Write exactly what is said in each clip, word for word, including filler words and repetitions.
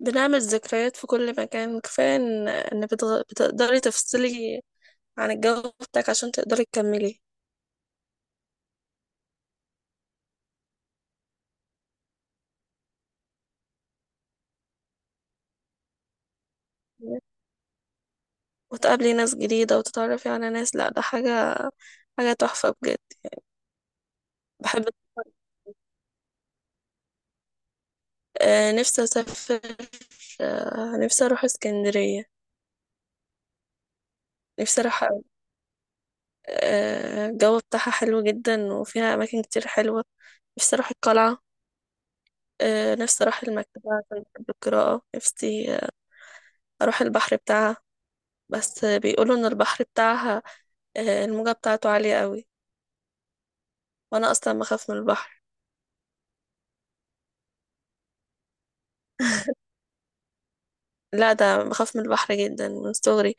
بنعمل ذكريات في كل مكان. كفاية ان إن بتغ... بتقدري تفصلي عن الجو بتاعك عشان تقدري تكملي، وتقابلي ناس جديدة وتتعرفي على ناس. لا، ده حاجة حاجة تحفة بجد. بحب. آه نفسي أسافر. آه نفسي أروح اسكندرية. نفسي أروح أوي. آه الجو بتاعها حلو جدا وفيها أماكن كتير حلوة. نفسي أروح القلعة. آه نفسي أروح المكتبة عشان بحب القراءة. نفسي آه، أروح البحر بتاعها. بس بيقولوا إن البحر بتاعها آه، الموجة بتاعته عالية قوي. وانا اصلا بخاف من البحر. لا، ده بخاف من البحر جدا من صغري.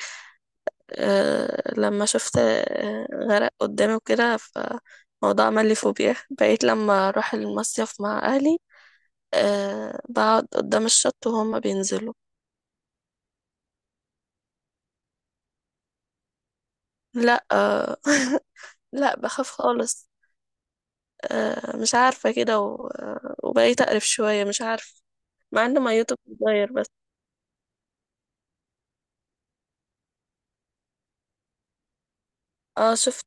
أه لما شفت آه، غرق قدامي وكده، فالموضوع عمل لي فوبيا. بقيت لما اروح المصيف مع اهلي أه بقعد قدام الشط وهما بينزلوا. لا أه لا، بخاف خالص. أه مش عارفة كده و- آه، وبقيت اقرف شوية. مش عارفة، مع ان ميته بتتغير بس. اه شفت.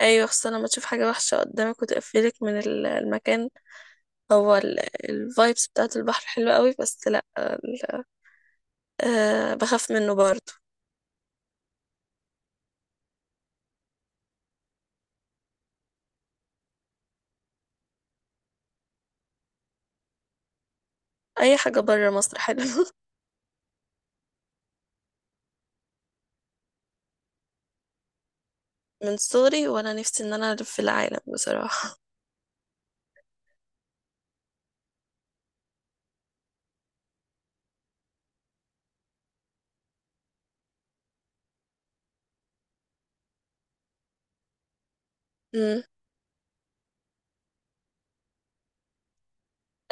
ايوه، خصوصا لما تشوف حاجة وحشة قدامك وتقفلك من ال- المكان. هو الفايبس بتاعت البحر حلوة قوي، بس لا، ال- أه بخاف منه برضه. اي حاجة بره مصر حلوة. من صغري وانا نفسي ان انا الف في العالم بصراحة. امم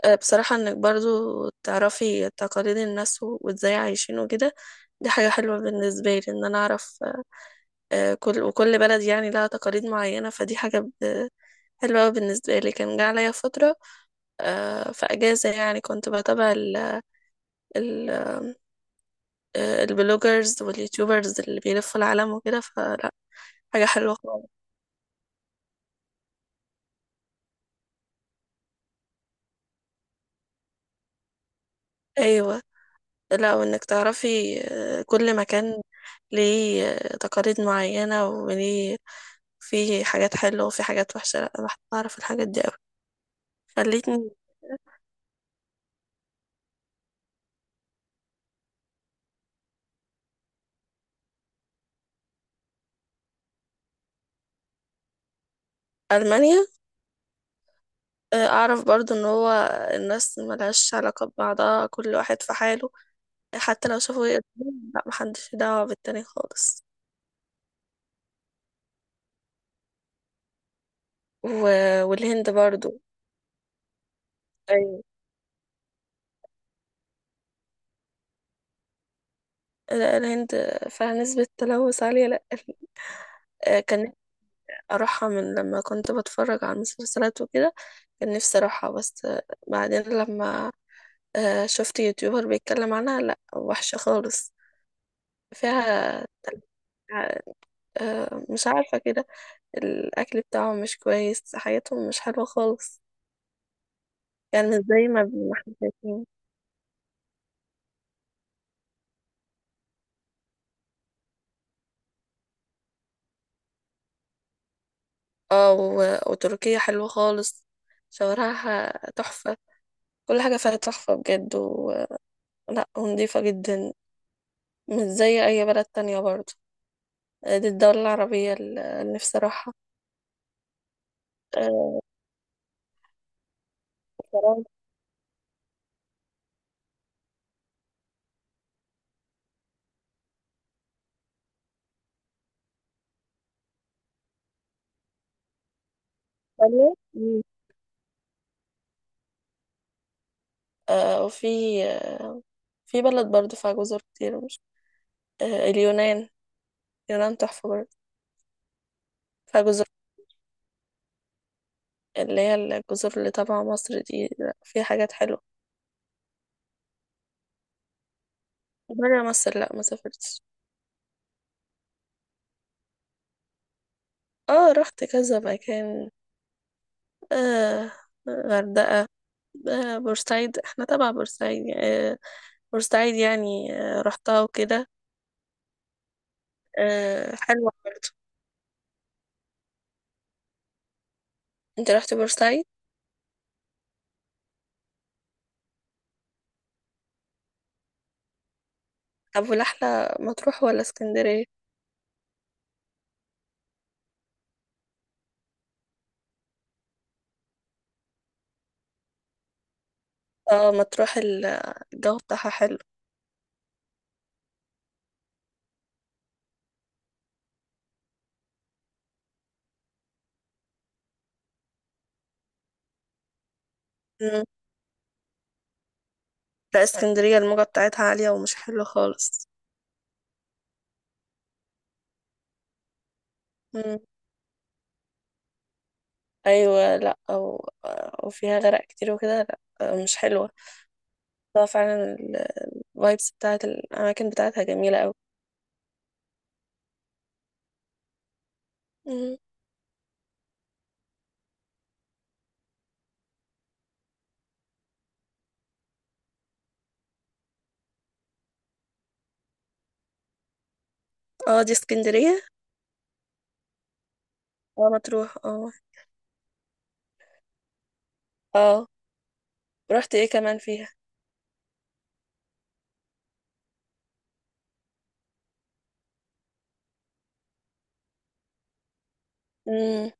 أه بصراحة، انك برضه تعرفي تقاليد الناس و- وازاي عايشين وكده، دي حاجة حلوة بالنسبة لي. ان انا اعرف أه كل وكل بلد يعني لها تقاليد معينة، فدي حاجة ب- حلوة أوي بالنسبة لي. كان جه عليا فترة أه في اجازة، يعني كنت بتابع ال- ال- آه، البلوجرز واليوتيوبرز اللي بيلفوا العالم وكده، فلا، حاجة حلوة خالص. أيوة، لا، وإنك تعرفي آه، كل مكان ليه آه، تقاليد معينة، وليه في حاجات حلوة وفي حاجات وحشة. لا، أنا بحب أعرف الحاجات دي أوي. خلتني ألمانيا آه، أعرف برضو إن هو الناس ملهاش علاقة ببعضها، كل واحد في حاله، حتى لو شافوا يقدروا. لا، محدش له دعوة بالتاني خالص. و... والهند برضو. أيوة. لا، الهند فيها نسبة تلوث عالية. لا آه، كان نفسي أروحها من لما كنت بتفرج على المسلسلات وكده. كان نفسي أروحها، بس آه، بعدين لما آه، شفت يوتيوبر بيتكلم عنها، لا وحشة خالص فيها. آه، مش عارفة كده. الأكل بتاعهم مش كويس، حياتهم مش حلوة خالص، يعني مش زي ما ما احنا شايفين. اه و- وتركيا حلوة خالص، شوارعها تحفة، كل حاجة فيها تحفة بجد و... لا، ونضيفة جدا، مش زي أي بلد تانية برضه. آه، دي الدولة العربية ال- اللي نفسي أروحها. آه، فرنسا. إيطاليا. مم. آه، وفي في بلد برضه فيها جزر كتير، مش آه، اليونان اليونان تحفة برضه، فيها جزر، اللي هي الجزر اللي تبع مصر دي. لأ، فيها حاجات حلوة. برا مصر لأ، ما سافرتش. اه، رحت كذا مكان. آه غردقة، آه بورسعيد، احنا تبع بورسعيد يعني. آه بورسعيد يعني آه رحتها وكده. آه حلوة برضه. انت رحت بورسعيد؟ طب، والأحلى مطروح ولا اسكندرية؟ اه، مطروح. ال- الجو بتاعها حلو. مم. لا، اسكندرية الموجة بتاعتها عالية ومش حلو خالص. مم. أيوة، لا أو وفيها غرق كتير وكده، لا آه، مش حلوة. اه فعلا. الفايبس بتاعت الأماكن بتاعتها جميلة أوي. مم. اه، دي اسكندرية. اه، مطروح اه. اه، رحت ايه كمان فيها؟ مم.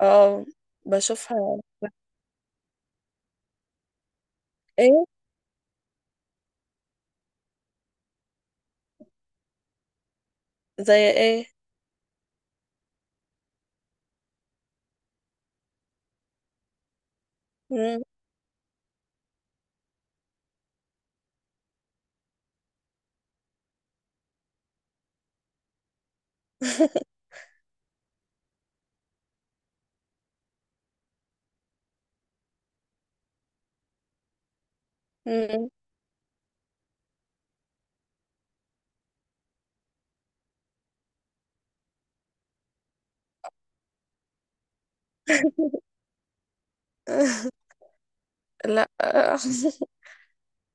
اه، بشوفها. ايه؟ زي ايه؟ مم. مم. لا.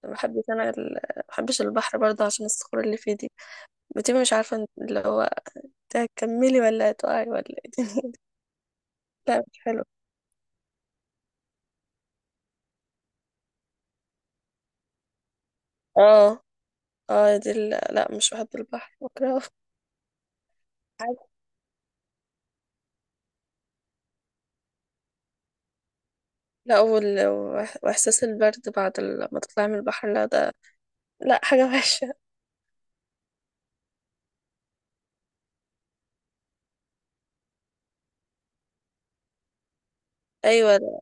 ما بحبش انا ال... ما بحبش البحر برضه عشان الصخور اللي فيه دي، بتبقي مش عارفه انت اللي هو تكملي ولا هتقعي ولا ايه دي. لا، مش حلو. اه. اه، دي ال... لا، مش بحب البحر، بكرهه. عارف- لا، وال... وإح- واحساس البرد بعد ال- ما تطلعي من البحر، لا ده لا، حاجه وحشه. ايوه، لا.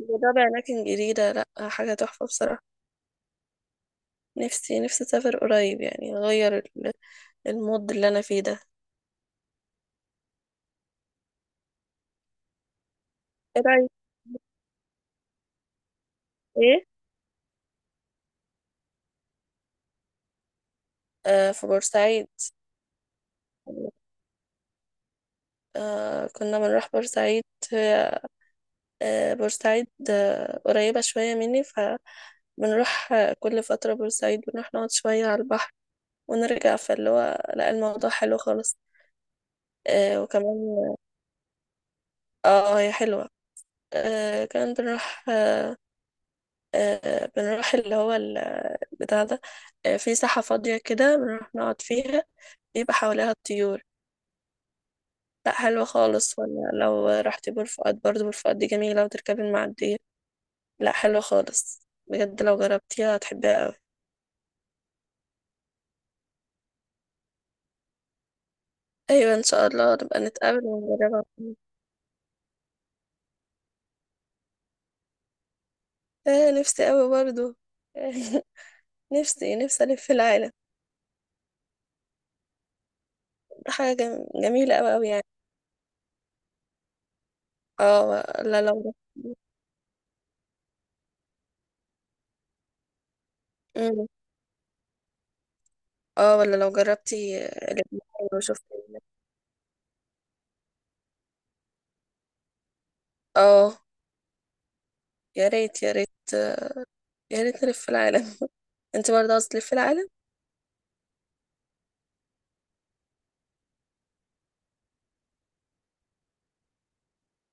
جربي اماكن جديده، لا حاجه تحفه بصراحه. نفسي نفسي اسافر قريب، يعني اغير ال- المود اللي انا فيه ده. ايه رايك؟ ايه؟ آه في بورسعيد. آه كنا بنروح بورسعيد. هي- آه بورسعيد آه قريبة شوية مني، فبنروح آه، كل فترة بورسعيد بنروح نقعد شوية على البحر ونرجع، فاللي هو لا، الموضوع حلو خالص. آه وكمان اه هي حلوة. آه كمان بنروح آه آه بنروح اللي هو ال- بتاع ده. آه في ساحة فاضية كده بنروح نقعد فيها، بيبقى حواليها الطيور، لا حلوة خالص. ولا لو رحتي بور فؤاد برضه، بور فؤاد دي جميلة وتركبي المعدية، لا حلو خالص بجد، لو جربتيها هتحبيها قوي. ايوه، ان شاء الله نبقى نتقابل ونجربها. آه نفسي قوي برضو. نفسي نفسي الف في العالم. حاجه جم... جميله قوي قوي يعني. اه، لا لو. مم. اه، ولا لو جربتي آه، لبنان وشفتي. اه، يا ريت يا ريت آه، يا ريت نلف في العالم. انت برضه عاوزة تلف في العالم؟